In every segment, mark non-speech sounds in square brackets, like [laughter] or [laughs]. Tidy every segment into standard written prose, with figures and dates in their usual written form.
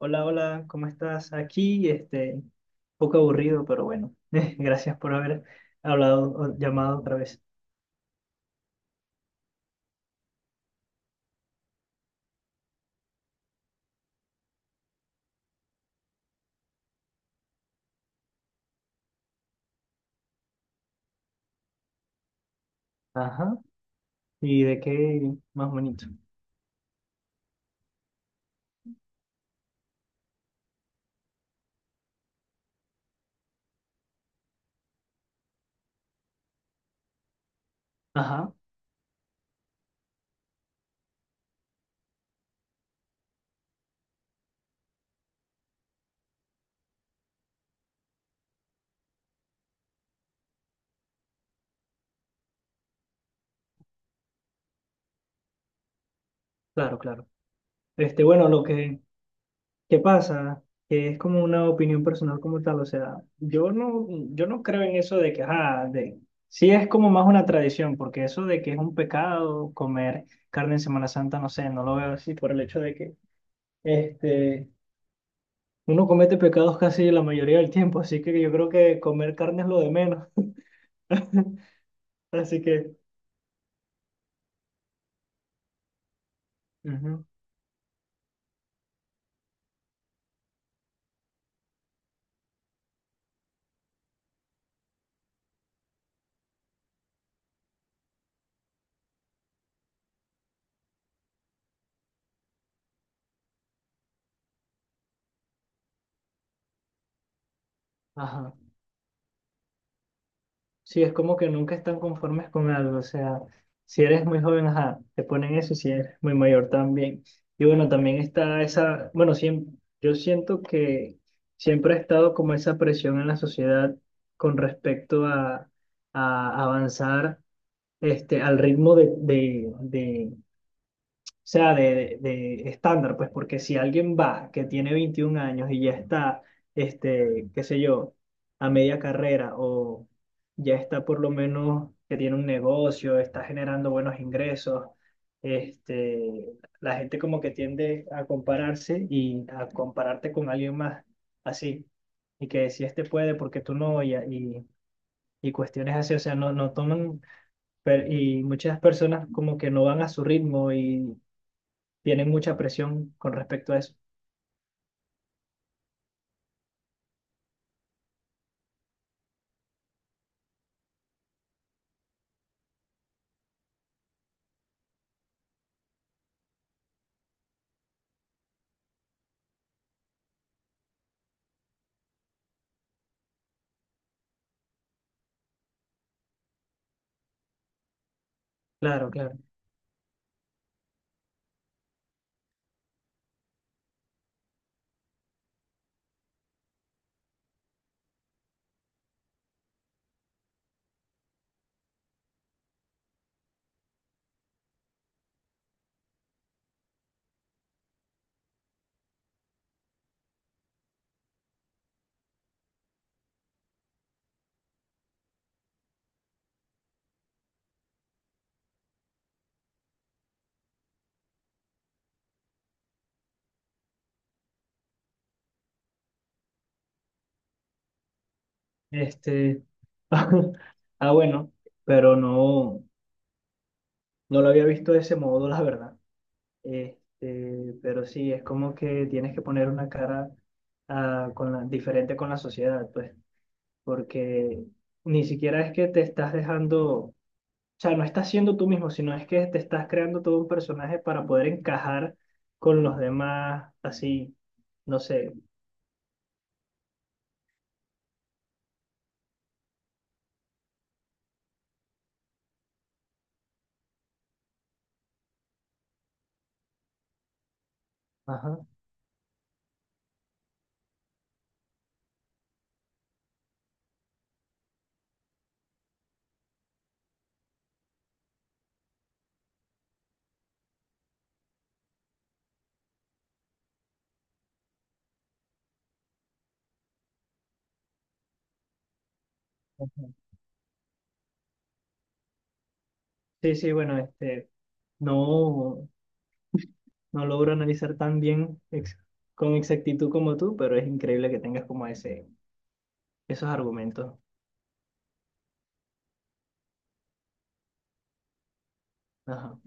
Hola, hola, ¿cómo estás? Aquí, un poco aburrido, pero bueno, [laughs] gracias por haber hablado, o llamado otra vez. Ajá, ¿y de qué más bonito? Ajá, claro, claro. Este, bueno, lo que, que pasa, que es como una opinión personal como tal, o sea, yo no creo en eso de que, ajá, de, sí es como más una tradición, porque eso de que es un pecado comer carne en Semana Santa, no sé, no lo veo así por el hecho de que, este... Uno comete pecados casi la mayoría del tiempo, así que yo creo que comer carne es lo de menos. [laughs] Así que, ujú, ajá. Sí, es como que nunca están conformes con algo. O sea, si eres muy joven, ajá, te ponen eso, si eres muy mayor también. Y bueno, también está esa, bueno, yo siento que siempre ha estado como esa presión en la sociedad con respecto a avanzar este, al ritmo de, o sea, de estándar, pues, porque si alguien va que tiene 21 años y ya está, este, qué sé yo, a media carrera o ya está por lo menos que tiene un negocio, está generando buenos ingresos, este, la gente como que tiende a compararse y a compararte con alguien más así, y que si este puede, ¿porque tú no? Y cuestiones así, o sea, no, no toman... Y muchas personas como que no van a su ritmo y tienen mucha presión con respecto a eso. Claro, claro. Este, [laughs] ah, bueno, pero no, no lo había visto de ese modo, la verdad. Este, pero sí, es como que tienes que poner una cara ah, con la, diferente con la sociedad, pues, porque ni siquiera es que te estás dejando, o sea, no estás siendo tú mismo, sino es que te estás creando todo un personaje para poder encajar con los demás, así, no sé. Ajá. Ajá. Sí, sí, bueno, este. No, no logro analizar tan bien con exactitud como tú, pero es increíble que tengas como ese, esos argumentos. Ajá,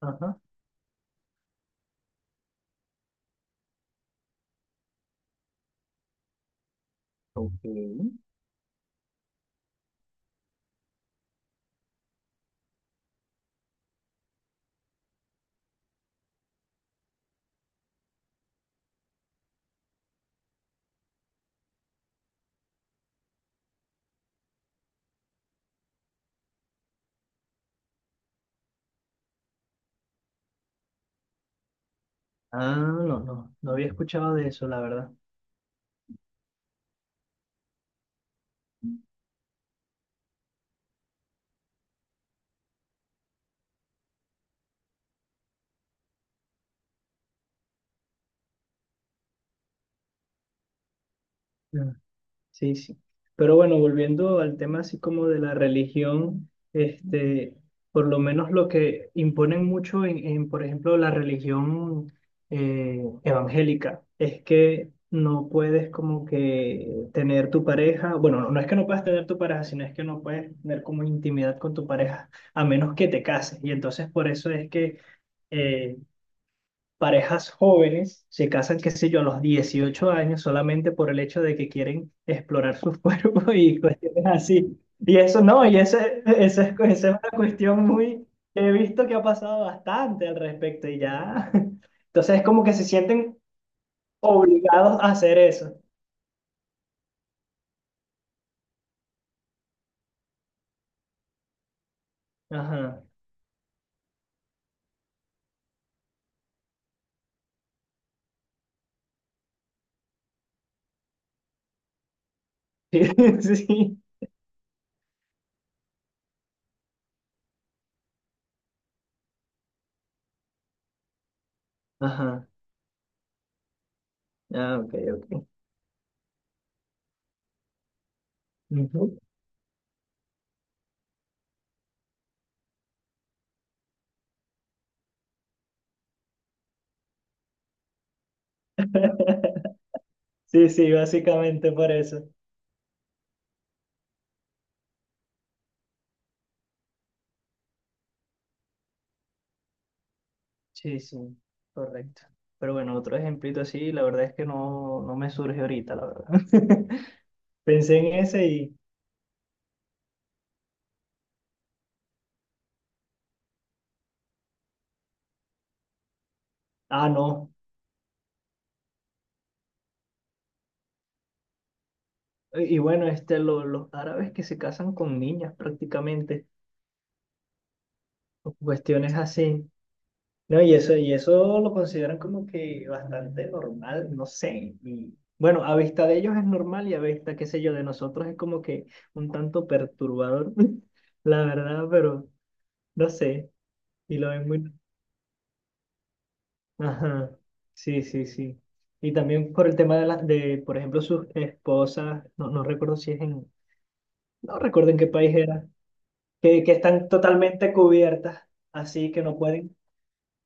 ajá, ok. Ah, no, no, no había escuchado de eso, la verdad. Sí, sí. Pero bueno, volviendo al tema así como de la religión, este, por lo menos lo que imponen mucho por ejemplo, la religión evangélica es que no puedes como que tener tu pareja, bueno, no, no es que no puedas tener tu pareja, sino es que no puedes tener como intimidad con tu pareja a menos que te cases. Y entonces por eso es que eh, parejas jóvenes se casan, qué sé yo, a los 18 años solamente por el hecho de que quieren explorar [laughs] sus cuerpos y cuestiones así. Y eso no, y ese, esa es una cuestión muy, he visto que ha pasado bastante al respecto y ya. [laughs] Entonces es como que se sienten obligados a hacer eso. Ajá. Sí, [laughs] sí. Ajá. Ah, ok, ok. Ujú. [laughs] Sí, sí, básicamente por eso. Sí, sí, correcto. Pero bueno, otro ejemplito así, la verdad es que no, no me surge ahorita, la verdad. [laughs] Pensé en ese y, ah, no. Y bueno, este, los árabes que se casan con niñas prácticamente, o cuestiones así. No, y eso lo consideran como que bastante normal, no sé. Y bueno, a vista de ellos es normal y a vista, qué sé yo, de nosotros es como que un tanto perturbador, [laughs] la verdad, pero no sé. Y lo ven muy... Ajá, sí, sí, sí. Y también por el tema de, la, de por ejemplo, sus esposas, no, no recuerdo si es en, no recuerdo en qué país era, que están totalmente cubiertas, así que no pueden.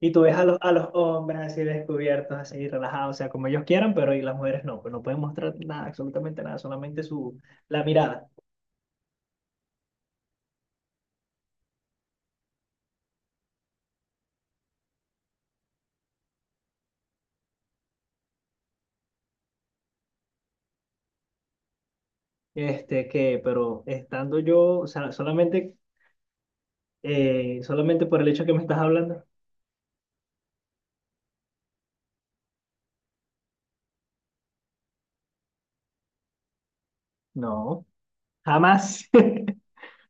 Y tú ves a los hombres así descubiertos, así relajados, o sea, como ellos quieran, pero y las mujeres no, pues no pueden mostrar nada, absolutamente nada, solamente su, la mirada. Este, que, pero estando yo, o sea, solamente, solamente por el hecho que me estás hablando, no, jamás. [laughs]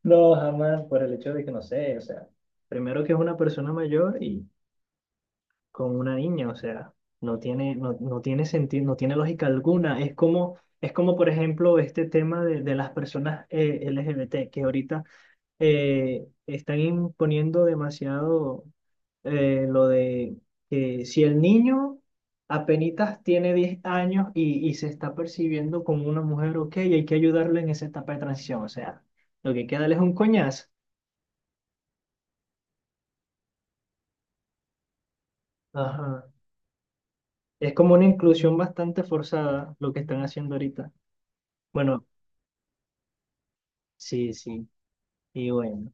No, jamás, por el hecho de que no sé, o sea, primero que es una persona mayor y con una niña, o sea, no tiene, no, no tiene sentido, no tiene lógica alguna. Es como, por ejemplo, este tema de las personas LGBT que ahorita están imponiendo demasiado lo de que si el niño apenitas tiene 10 años y se está percibiendo como una mujer, ok, hay que ayudarle en esa etapa de transición, o sea, lo que queda es un coñazo. Ajá. Es como una inclusión bastante forzada lo que están haciendo ahorita. Bueno, sí, sí, y bueno,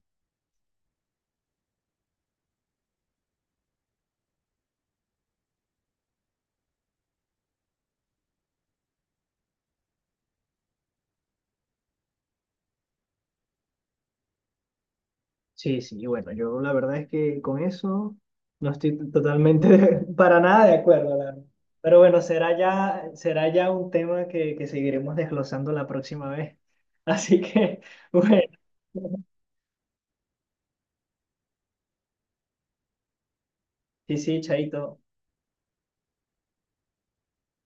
sí, sí, y bueno, yo la verdad es que con eso no estoy totalmente [laughs] para nada de acuerdo, la verdad. Pero bueno, será ya un tema que seguiremos desglosando la próxima vez. Así que, [laughs] bueno, sí, sí, chaito.